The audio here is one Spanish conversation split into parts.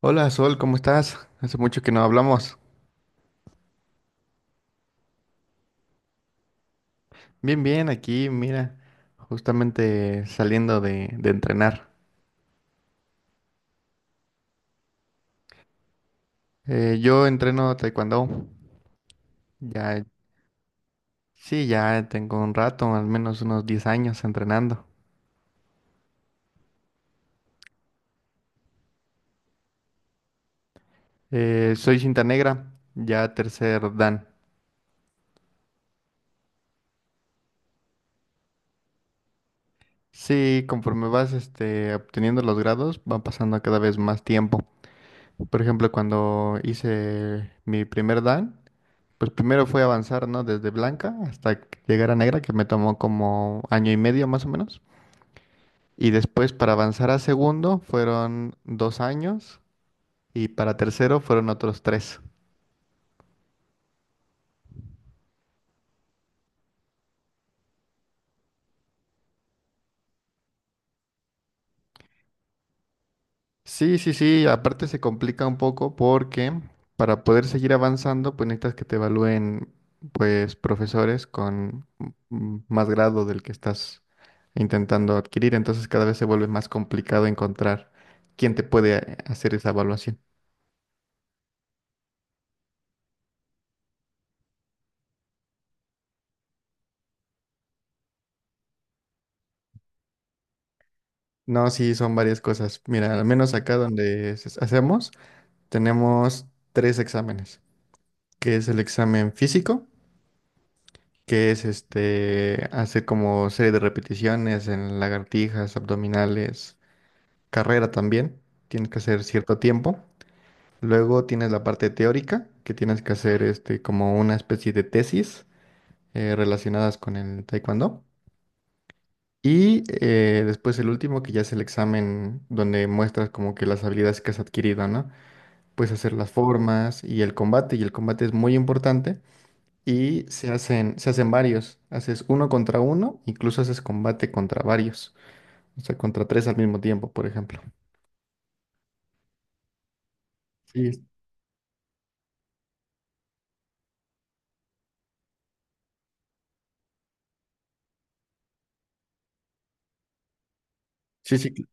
Hola Sol, ¿cómo estás? Hace mucho que no hablamos. Bien, bien, aquí, mira, justamente saliendo de entrenar. Yo entreno taekwondo. Ya, sí, ya tengo un rato, al menos unos 10 años entrenando. Soy cinta negra, ya tercer dan. Sí, conforme vas obteniendo los grados, va pasando cada vez más tiempo. Por ejemplo, cuando hice mi primer dan. Pues primero fue avanzar, ¿no? Desde blanca hasta que llegar a negra, que me tomó como año y medio más o menos. Y después para avanzar a segundo fueron 2 años y para tercero fueron otros tres. Sí, sí, sí, aparte se complica un poco porque para poder seguir avanzando, pues necesitas que te evalúen, pues, profesores con más grado del que estás intentando adquirir. Entonces cada vez se vuelve más complicado encontrar quién te puede hacer esa evaluación. No, sí, son varias cosas. Mira, al menos acá donde hacemos, tenemos tres exámenes, que es el examen físico, que es hacer como serie de repeticiones en lagartijas, abdominales, carrera también, tienes que hacer cierto tiempo. Luego tienes la parte teórica, que tienes que hacer como una especie de tesis relacionadas con el taekwondo. Y después el último, que ya es el examen donde muestras como que las habilidades que has adquirido, ¿no? Pues hacer las formas y el combate es muy importante, y se hacen varios, haces uno contra uno, incluso haces combate contra varios, o sea, contra tres al mismo tiempo, por ejemplo. Sí, sí, sí,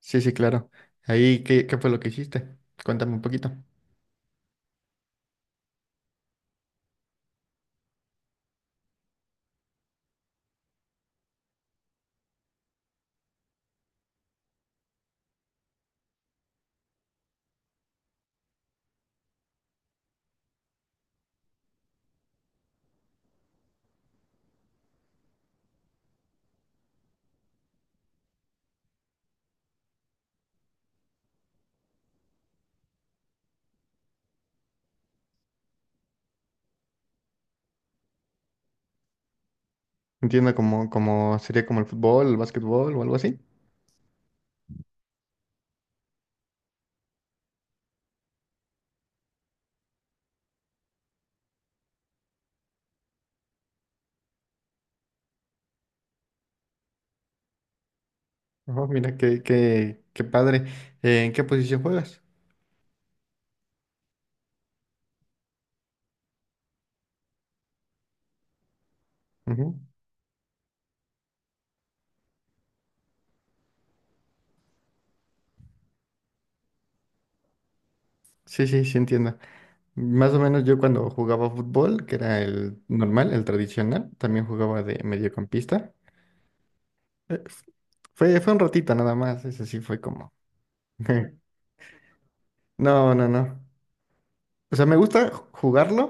sí, sí, claro. Ahí, ¿qué, qué fue lo que hiciste? Cuéntame un poquito. Entiendo como, como sería como el fútbol, el básquetbol o algo así. Ajá, mira, qué, qué, qué padre. ¿En qué posición juegas? Ujú. Sí, sí, sí, entiendo. Más o menos yo cuando jugaba fútbol, que era el normal, el tradicional, también jugaba de mediocampista. Eh, fue un ratito nada más, eso sí fue como. No, no, no. O sea, me gusta jugarlo,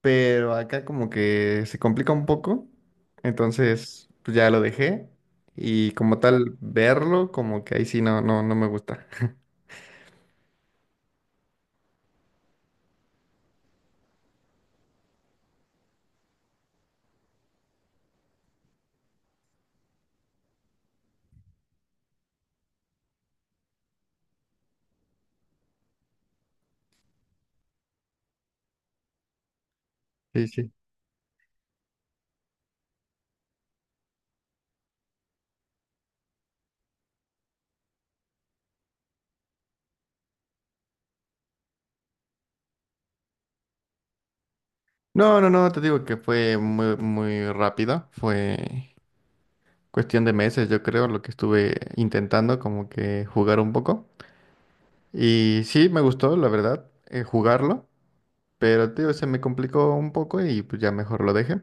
pero acá como que se complica un poco. Entonces, pues ya lo dejé. Y como tal, verlo, como que ahí sí no, no, no me gusta. Sí, sí. No, no, no, te digo que fue muy, muy rápido. Fue, cuestión de meses, yo creo, lo que estuve intentando como que jugar un poco. Y sí, me gustó, la verdad, jugarlo, pero tío, se me complicó un poco y pues ya mejor lo dejé.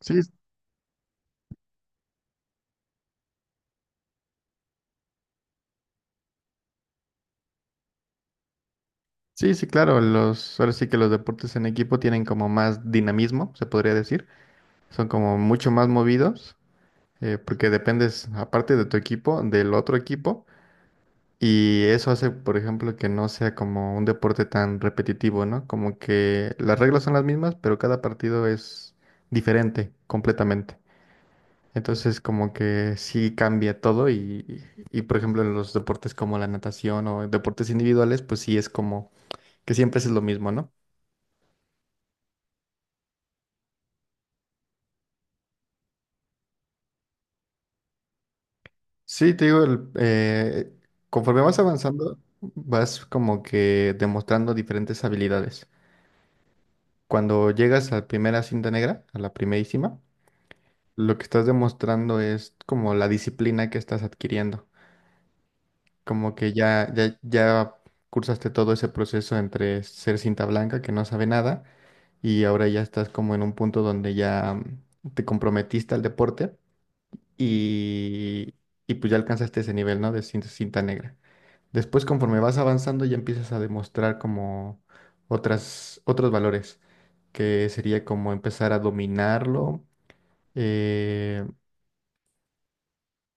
Sí, sí, sí, claro, los, ahora sí que los deportes en equipo tienen como más dinamismo, se podría decir. Son como mucho más movidos, porque dependes, aparte de tu equipo, del otro equipo. Y eso hace, por ejemplo, que no sea como un deporte tan repetitivo, ¿no? Como que las reglas son las mismas, pero cada partido es diferente completamente. Entonces, como que sí cambia todo y, por ejemplo, en los deportes como la natación o en deportes individuales, pues sí es como que siempre es lo mismo, ¿no? Sí, te digo, conforme vas avanzando, vas como que demostrando diferentes habilidades. Cuando llegas a la primera cinta negra, a la primerísima, lo que estás demostrando es como la disciplina que estás adquiriendo, como que ya cursaste todo ese proceso entre ser cinta blanca que no sabe nada y ahora ya estás como en un punto donde ya te comprometiste al deporte y, y pues ya alcanzaste ese nivel, ¿no? De cinta, cinta negra. Después, conforme vas avanzando, ya empiezas a demostrar como otras, otros valores, que sería como empezar a dominarlo. eh,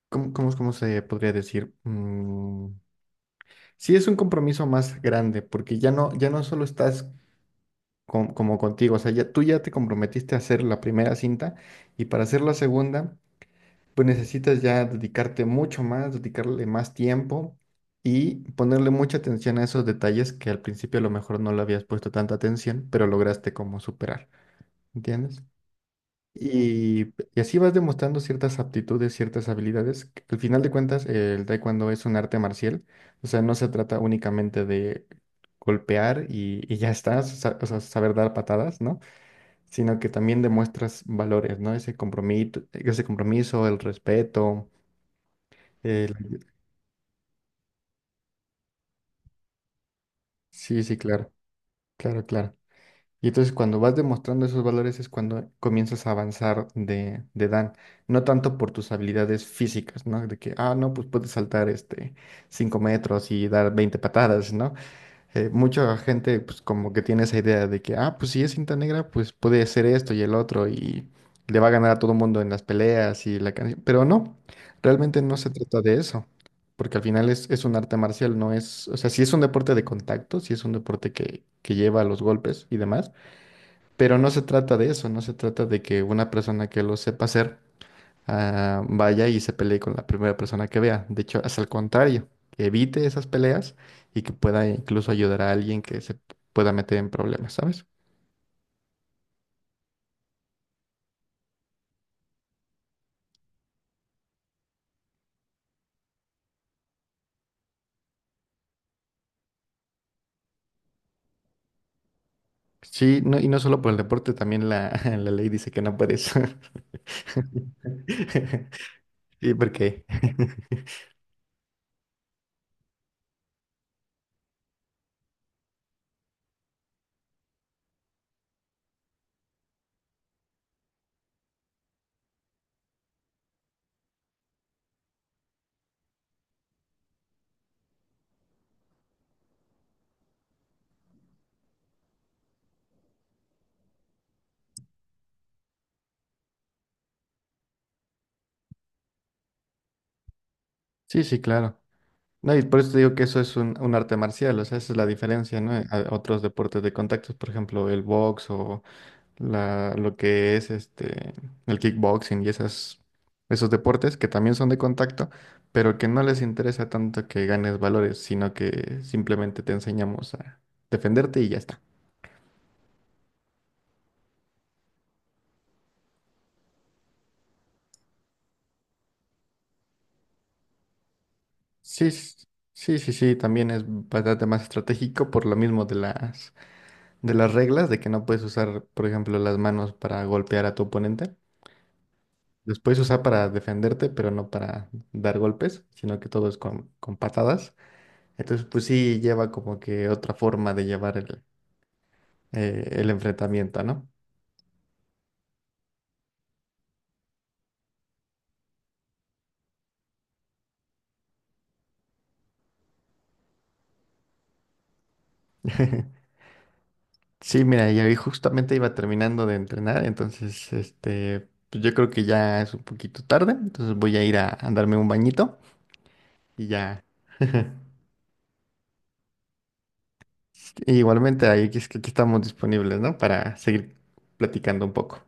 ¿Cómo, cómo, cómo se podría decir? Sí es un compromiso más grande, porque ya no, ya no solo estás como contigo, o sea, ya, tú ya te comprometiste a hacer la primera cinta y para hacer la segunda, pues necesitas ya dedicarte mucho más, dedicarle más tiempo y ponerle mucha atención a esos detalles que al principio a lo mejor no le habías puesto tanta atención, pero lograste como superar, ¿entiendes? Y así vas demostrando ciertas aptitudes, ciertas habilidades, que al final de cuentas, el taekwondo es un arte marcial, o sea, no se trata únicamente de golpear y ya está, o sea, saber dar patadas, ¿no? Sino que también demuestras valores, ¿no? Ese compromiso, el respeto. el- Sí, sí, claro, claro, claro. Y entonces cuando vas demostrando esos valores es cuando comienzas a avanzar de Dan, no tanto por tus habilidades físicas, ¿no? De que, ah, no, pues puedes saltar 5 metros y dar 20 patadas, ¿no? Mucha gente pues como que tiene esa idea de que, ah, pues si es cinta negra, pues puede hacer esto y el otro y le va a ganar a todo el mundo en las peleas y la canción, pero no, realmente no se trata de eso. Porque al final es un arte marcial, no es, o sea, si es un deporte de contacto, si es un deporte que lleva los golpes y demás, pero no se trata de eso, no se trata de que una persona que lo sepa hacer ah, vaya y se pelee con la primera persona que vea. De hecho, es al contrario, que evite esas peleas y que pueda incluso ayudar a alguien que se pueda meter en problemas, ¿sabes? Sí, no, y no solo por el deporte, también la, la ley dice que no puedes. Sí porque sí, sí, claro. No, y por eso te digo que eso es un arte marcial, o sea, esa es la diferencia, ¿no? A otros deportes de contactos, por ejemplo, el box o la, lo que es el kickboxing y esas, esos deportes que también son de contacto, pero que no les interesa tanto que ganes valores, sino que simplemente te enseñamos a defenderte y ya está. Sí, sí, sí, sí, también es bastante más estratégico por lo mismo de las reglas, de que no puedes usar, por ejemplo, las manos para golpear a tu oponente. Los puedes usar para defenderte, pero no para dar golpes, sino que todo es con patadas. Entonces, pues sí, lleva como que otra forma de llevar el enfrentamiento, ¿no? Sí, mira, y ahí justamente iba terminando de entrenar, entonces, pues yo creo que ya es un poquito tarde, entonces voy a ir a darme un bañito y ya. Igualmente, ahí es que aquí estamos disponibles, ¿no? Para seguir platicando un poco.